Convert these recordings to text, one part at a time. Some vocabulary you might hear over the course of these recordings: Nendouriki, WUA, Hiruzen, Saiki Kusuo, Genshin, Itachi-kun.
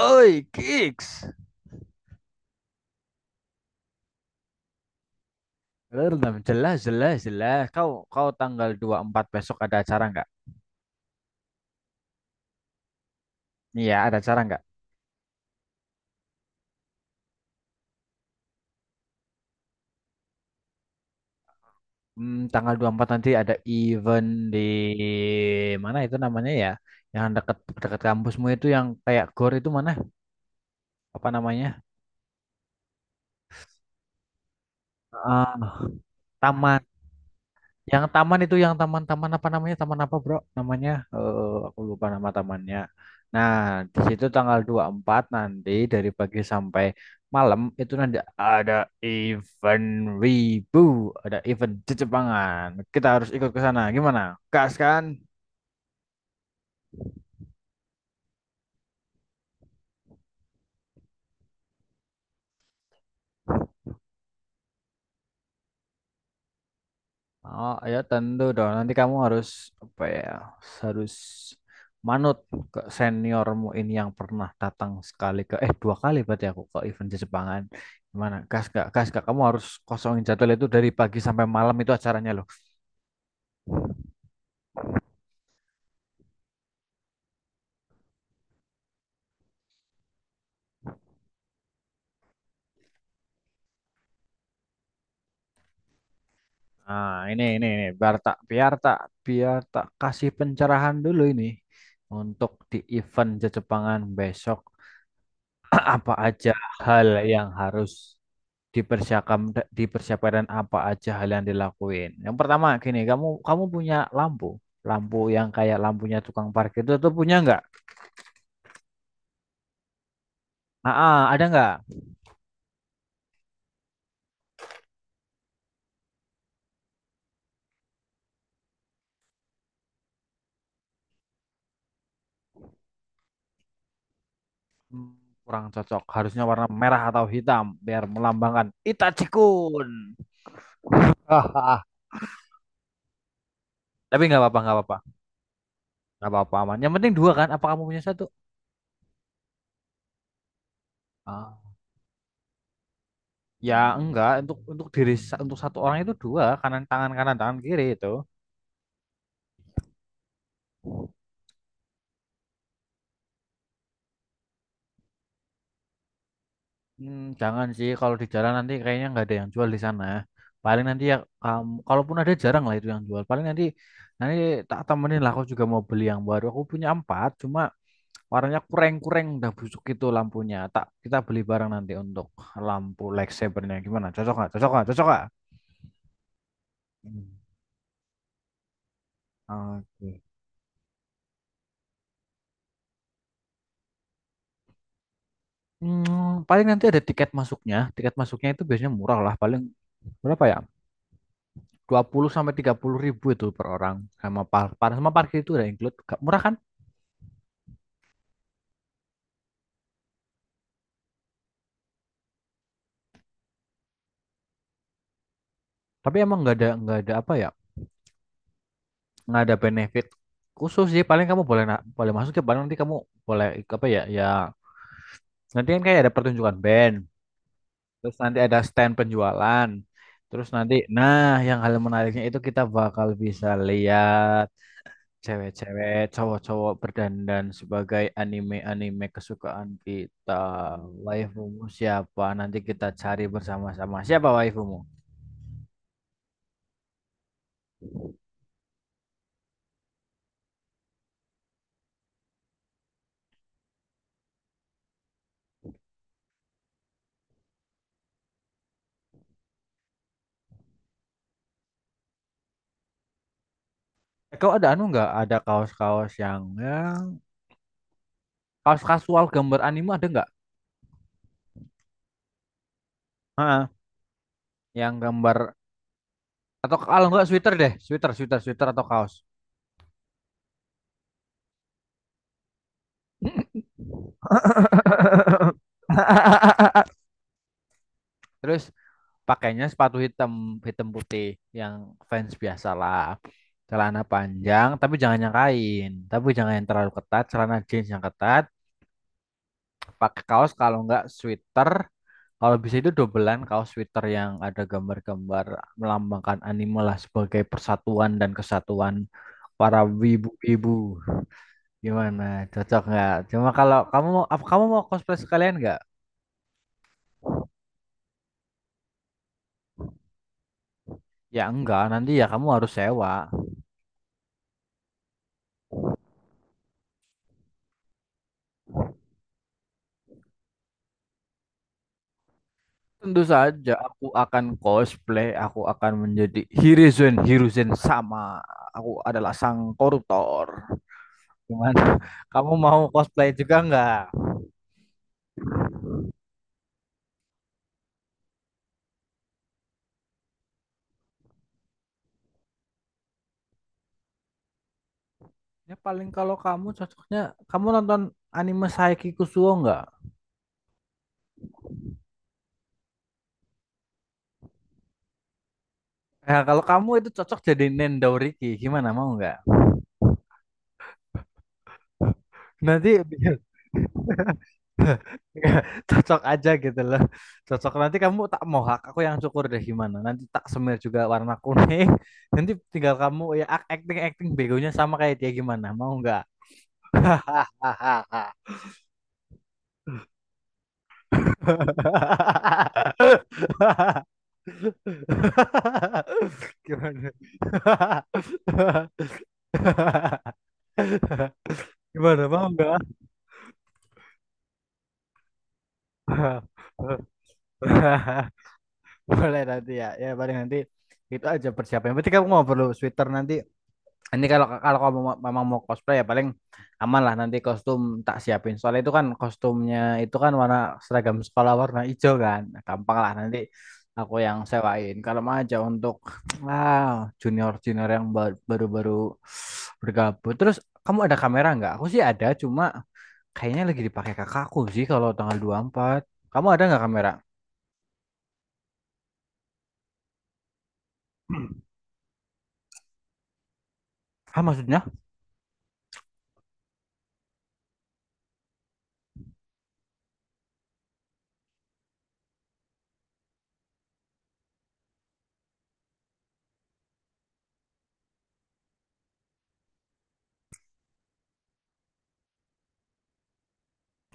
Oi, Kicks. Belum, jelas, jelas, jelas. Kau kau tanggal 24 besok ada acara nggak? Iya, ada acara nggak? Tanggal 24 nanti ada event di mana itu namanya ya? Yang dekat dekat kampusmu itu yang kayak gor itu mana? Apa namanya? Ah, taman. Yang taman itu yang taman-taman apa namanya? Taman apa, Bro? Namanya aku lupa nama tamannya. Nah, di situ tanggal 24 nanti dari pagi sampai malam itu nanti ada event Wibu, ada event di Jepangan. Kita harus ikut ke sana. Gimana? Gas kan? Oh, ya tentu dong. Nanti kamu harus apa ya? Harus manut ke seniormu ini yang pernah datang sekali ke eh dua kali berarti aku ke event di Jepangan. Gimana? Gas gak? Gas gak? Kamu harus kosongin jadwal itu dari pagi sampai malam itu acaranya loh. Nah, ini biar tak kasih pencerahan dulu ini untuk di event di Jepangan besok apa aja hal yang harus dipersiapkan, dipersiapkan apa aja hal yang dilakuin. Yang pertama gini, kamu kamu punya lampu, lampu yang kayak lampunya tukang parkir itu tuh punya nggak? Ah, ah, ada nggak? Hmm, Kurang cocok, harusnya warna merah atau hitam biar melambangkan Itachi-kun. Ah, ah, ah. Tapi nggak apa-apa, nggak apa-apa, nggak apa-apa aman. Yang penting dua kan? Apa kamu punya satu? Ah, ya enggak untuk untuk satu orang itu dua, kanan tangan kiri itu. Jangan sih kalau di jalan nanti kayaknya nggak ada yang jual di sana. Paling nanti ya kamu, kalaupun ada jarang lah itu yang jual. Paling nanti nanti tak temenin lah. Aku juga mau beli yang baru. Aku punya empat, cuma warnanya kurang-kurang udah busuk itu lampunya. Tak kita beli bareng nanti untuk lampu lightsabernya, gimana? Cocok nggak? Cocok nggak? Cocok nggak? Hmm. Oke. Paling nanti ada tiket masuknya. Tiket masuknya itu biasanya murah lah. Paling berapa ya? 20 sampai 30 ribu itu per orang. Sama par par- sama parkir itu udah include. Murah kan? Tapi emang nggak ada apa ya? Nggak ada benefit khusus sih. Paling kamu boleh boleh masuk ya. Paling nanti kamu boleh apa ya? Ya nanti kan kayak ada pertunjukan band. Terus nanti ada stand penjualan. Terus nanti, nah, yang hal menariknya itu kita bakal bisa lihat cewek-cewek, cowok-cowok berdandan sebagai anime-anime kesukaan kita. Waifumu siapa? Nanti kita cari bersama-sama. Siapa waifumu? Eh, kau ada anu nggak? Ada kaos-kaos yang ya kaos kasual gambar anime ada nggak? Heeh. Yang gambar, atau kalau nggak sweater deh, sweater sweater sweater atau kaos. Terus pakainya sepatu hitam, hitam putih yang fans biasa lah, celana panjang, tapi jangan yang kain, tapi jangan yang terlalu ketat, celana jeans yang ketat, pakai kaos kalau nggak sweater, kalau bisa itu dobelan kaos sweater yang ada gambar-gambar melambangkan anime lah sebagai persatuan dan kesatuan para wibu-wibu. Gimana? Cocok nggak? Cuma kalau kamu mau, apa kamu mau cosplay sekalian nggak? Ya enggak, nanti ya kamu harus sewa. Tentu saja aku akan cosplay, aku akan menjadi Hiruzen Hiruzen sama. Aku adalah sang koruptor. Gimana? Kamu mau cosplay juga nggak? Ya paling kalau kamu cocoknya kamu nonton anime Saiki Kusuo nggak? Ya kalau kamu itu cocok jadi Nendouriki, gimana mau nggak? Nanti nggak, cocok aja gitu loh, cocok nanti kamu tak mohak, aku yang cukur deh, gimana nanti tak semir juga warna kuning, nanti tinggal kamu ya acting acting begonya sama kayak dia, gimana mau nggak? Gimana? Gimana mau nggak? Boleh nanti ya. Ya paling nanti itu aja persiapannya. Berarti kamu mau perlu sweater nanti. Ini kalau kalau kamu memang mau cosplay ya paling aman lah nanti kostum tak siapin. Soalnya itu kan kostumnya itu kan warna seragam sekolah warna hijau kan. Nah, gampang lah nanti aku yang sewain. Kalau mau aja untuk wow, junior-junior yang baru-baru bergabung. Terus kamu ada kamera nggak? Aku sih ada, cuma kayaknya lagi dipakai kakakku sih kalau tanggal 24. Kamu ada nggak kamera? Ah, maksudnya?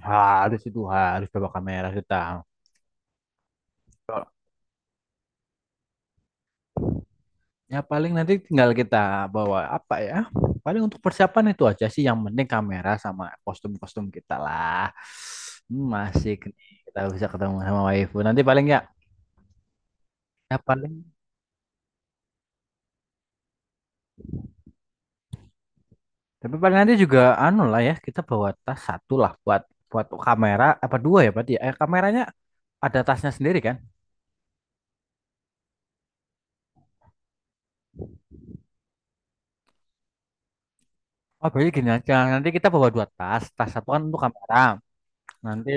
Harus itu harus bawa kamera kita. Ya paling nanti tinggal kita bawa apa ya? Paling untuk persiapan itu aja sih, yang penting kamera sama kostum-kostum kita lah. Masih kita bisa ketemu sama waifu. Nanti paling ya, ya paling tapi paling nanti juga anu lah ya, kita bawa tas satu lah buat buat kamera apa dua ya berarti ya? Eh, kameranya ada tasnya sendiri kan? Oh, berarti gini aja. Nanti kita bawa dua tas. Tas satu kan untuk kamera. Nanti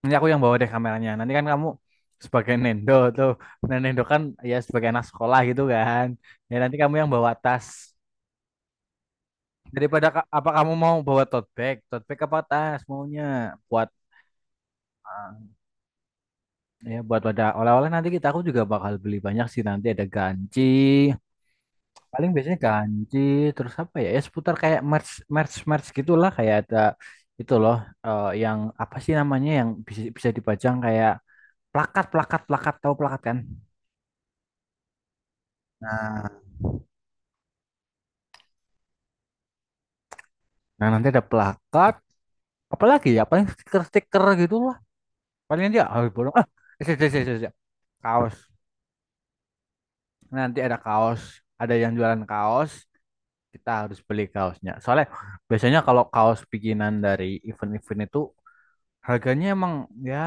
Nanti aku yang bawa deh kameranya. Nanti kan kamu sebagai Nendo tuh. Nah, Nendo kan ya sebagai anak sekolah gitu kan. Ya nanti kamu yang bawa tas. Daripada apa kamu mau bawa tote bag? Tote bag apa tas maunya? Buat ah, ya buat wadah oleh-oleh nanti aku juga bakal beli banyak sih, nanti ada ganci. Paling biasanya ganci, terus apa ya? Ya seputar kayak merch merch merch gitulah, kayak ada itu loh, yang apa sih namanya yang bisa bisa dipajang kayak plakat plakat plakat, tahu plakat kan? Nah, nah, nanti ada plakat, apalagi ya, paling stiker-stiker gitu lah. Paling dia harus bolong. Ah, isi, isi, isi, isi. Kaos. Nanti ada kaos, ada yang jualan kaos, kita harus beli kaosnya. Soalnya biasanya kalau kaos bikinan dari event-event itu harganya emang ya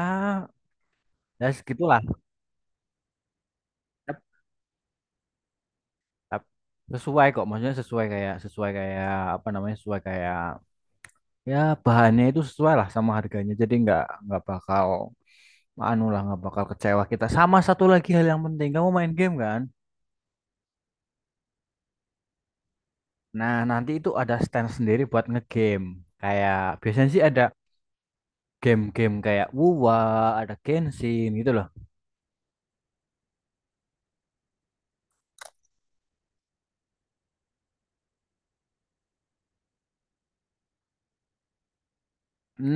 ya segitulah. Tap, tap. Sesuai kok, maksudnya sesuai kayak apa namanya? Sesuai kayak ya bahannya itu sesuai lah sama harganya. Jadi nggak bakal anu lah nggak bakal kecewa kita. Sama satu lagi hal yang penting, kamu main game kan? Nah, nanti itu ada stand sendiri buat ngegame. Kayak biasanya sih ada game-game kayak WUA, ada Genshin gitu loh.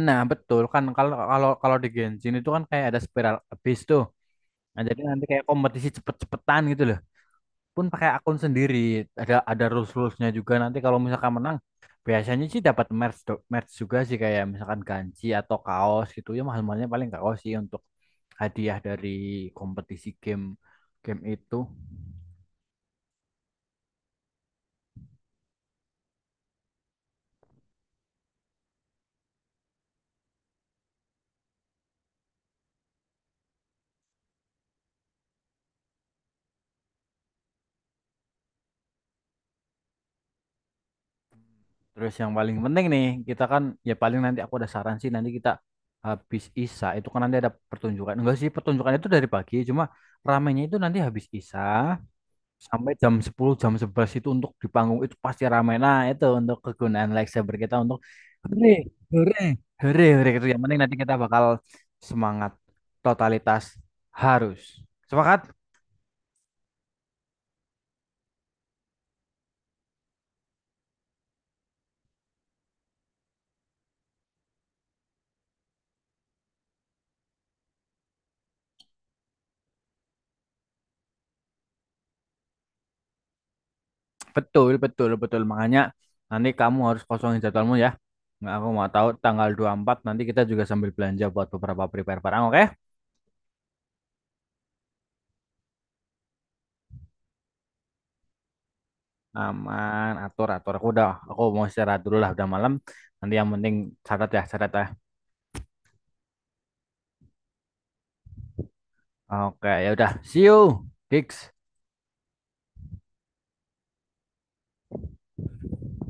Nah, betul kan kalau kalau kalau di Genshin itu kan kayak ada spiral abyss tuh. Nah, jadi nanti kayak kompetisi cepet-cepetan gitu loh. Pun pakai akun sendiri, ada rulesnya juga, nanti kalau misalkan menang biasanya sih dapat merch juga sih, kayak misalkan ganci atau kaos gitu, ya mahal mahalnya paling kaos sih untuk hadiah dari kompetisi game game itu. Terus yang paling penting nih, kita kan ya paling nanti aku ada saran sih, nanti kita habis isa itu kan nanti ada pertunjukan enggak sih, pertunjukan itu dari pagi cuma ramenya itu nanti habis isa sampai jam 10 jam 11 itu untuk di panggung itu pasti ramai. Nah, itu untuk kegunaan lightsaber kita untuk hore hore hore hore gitu, yang penting nanti kita bakal semangat, totalitas, harus sepakat. Betul betul betul, makanya nanti kamu harus kosongin jadwalmu ya. Nggak, aku mau tahu tanggal 24 nanti kita juga sambil belanja buat beberapa prepare barang, oke? Aman, atur atur, aku udah, aku mau istirahat dulu lah, udah malam. Nanti yang penting catat ya, catat ya. Oke, ya udah, see you, Gigs.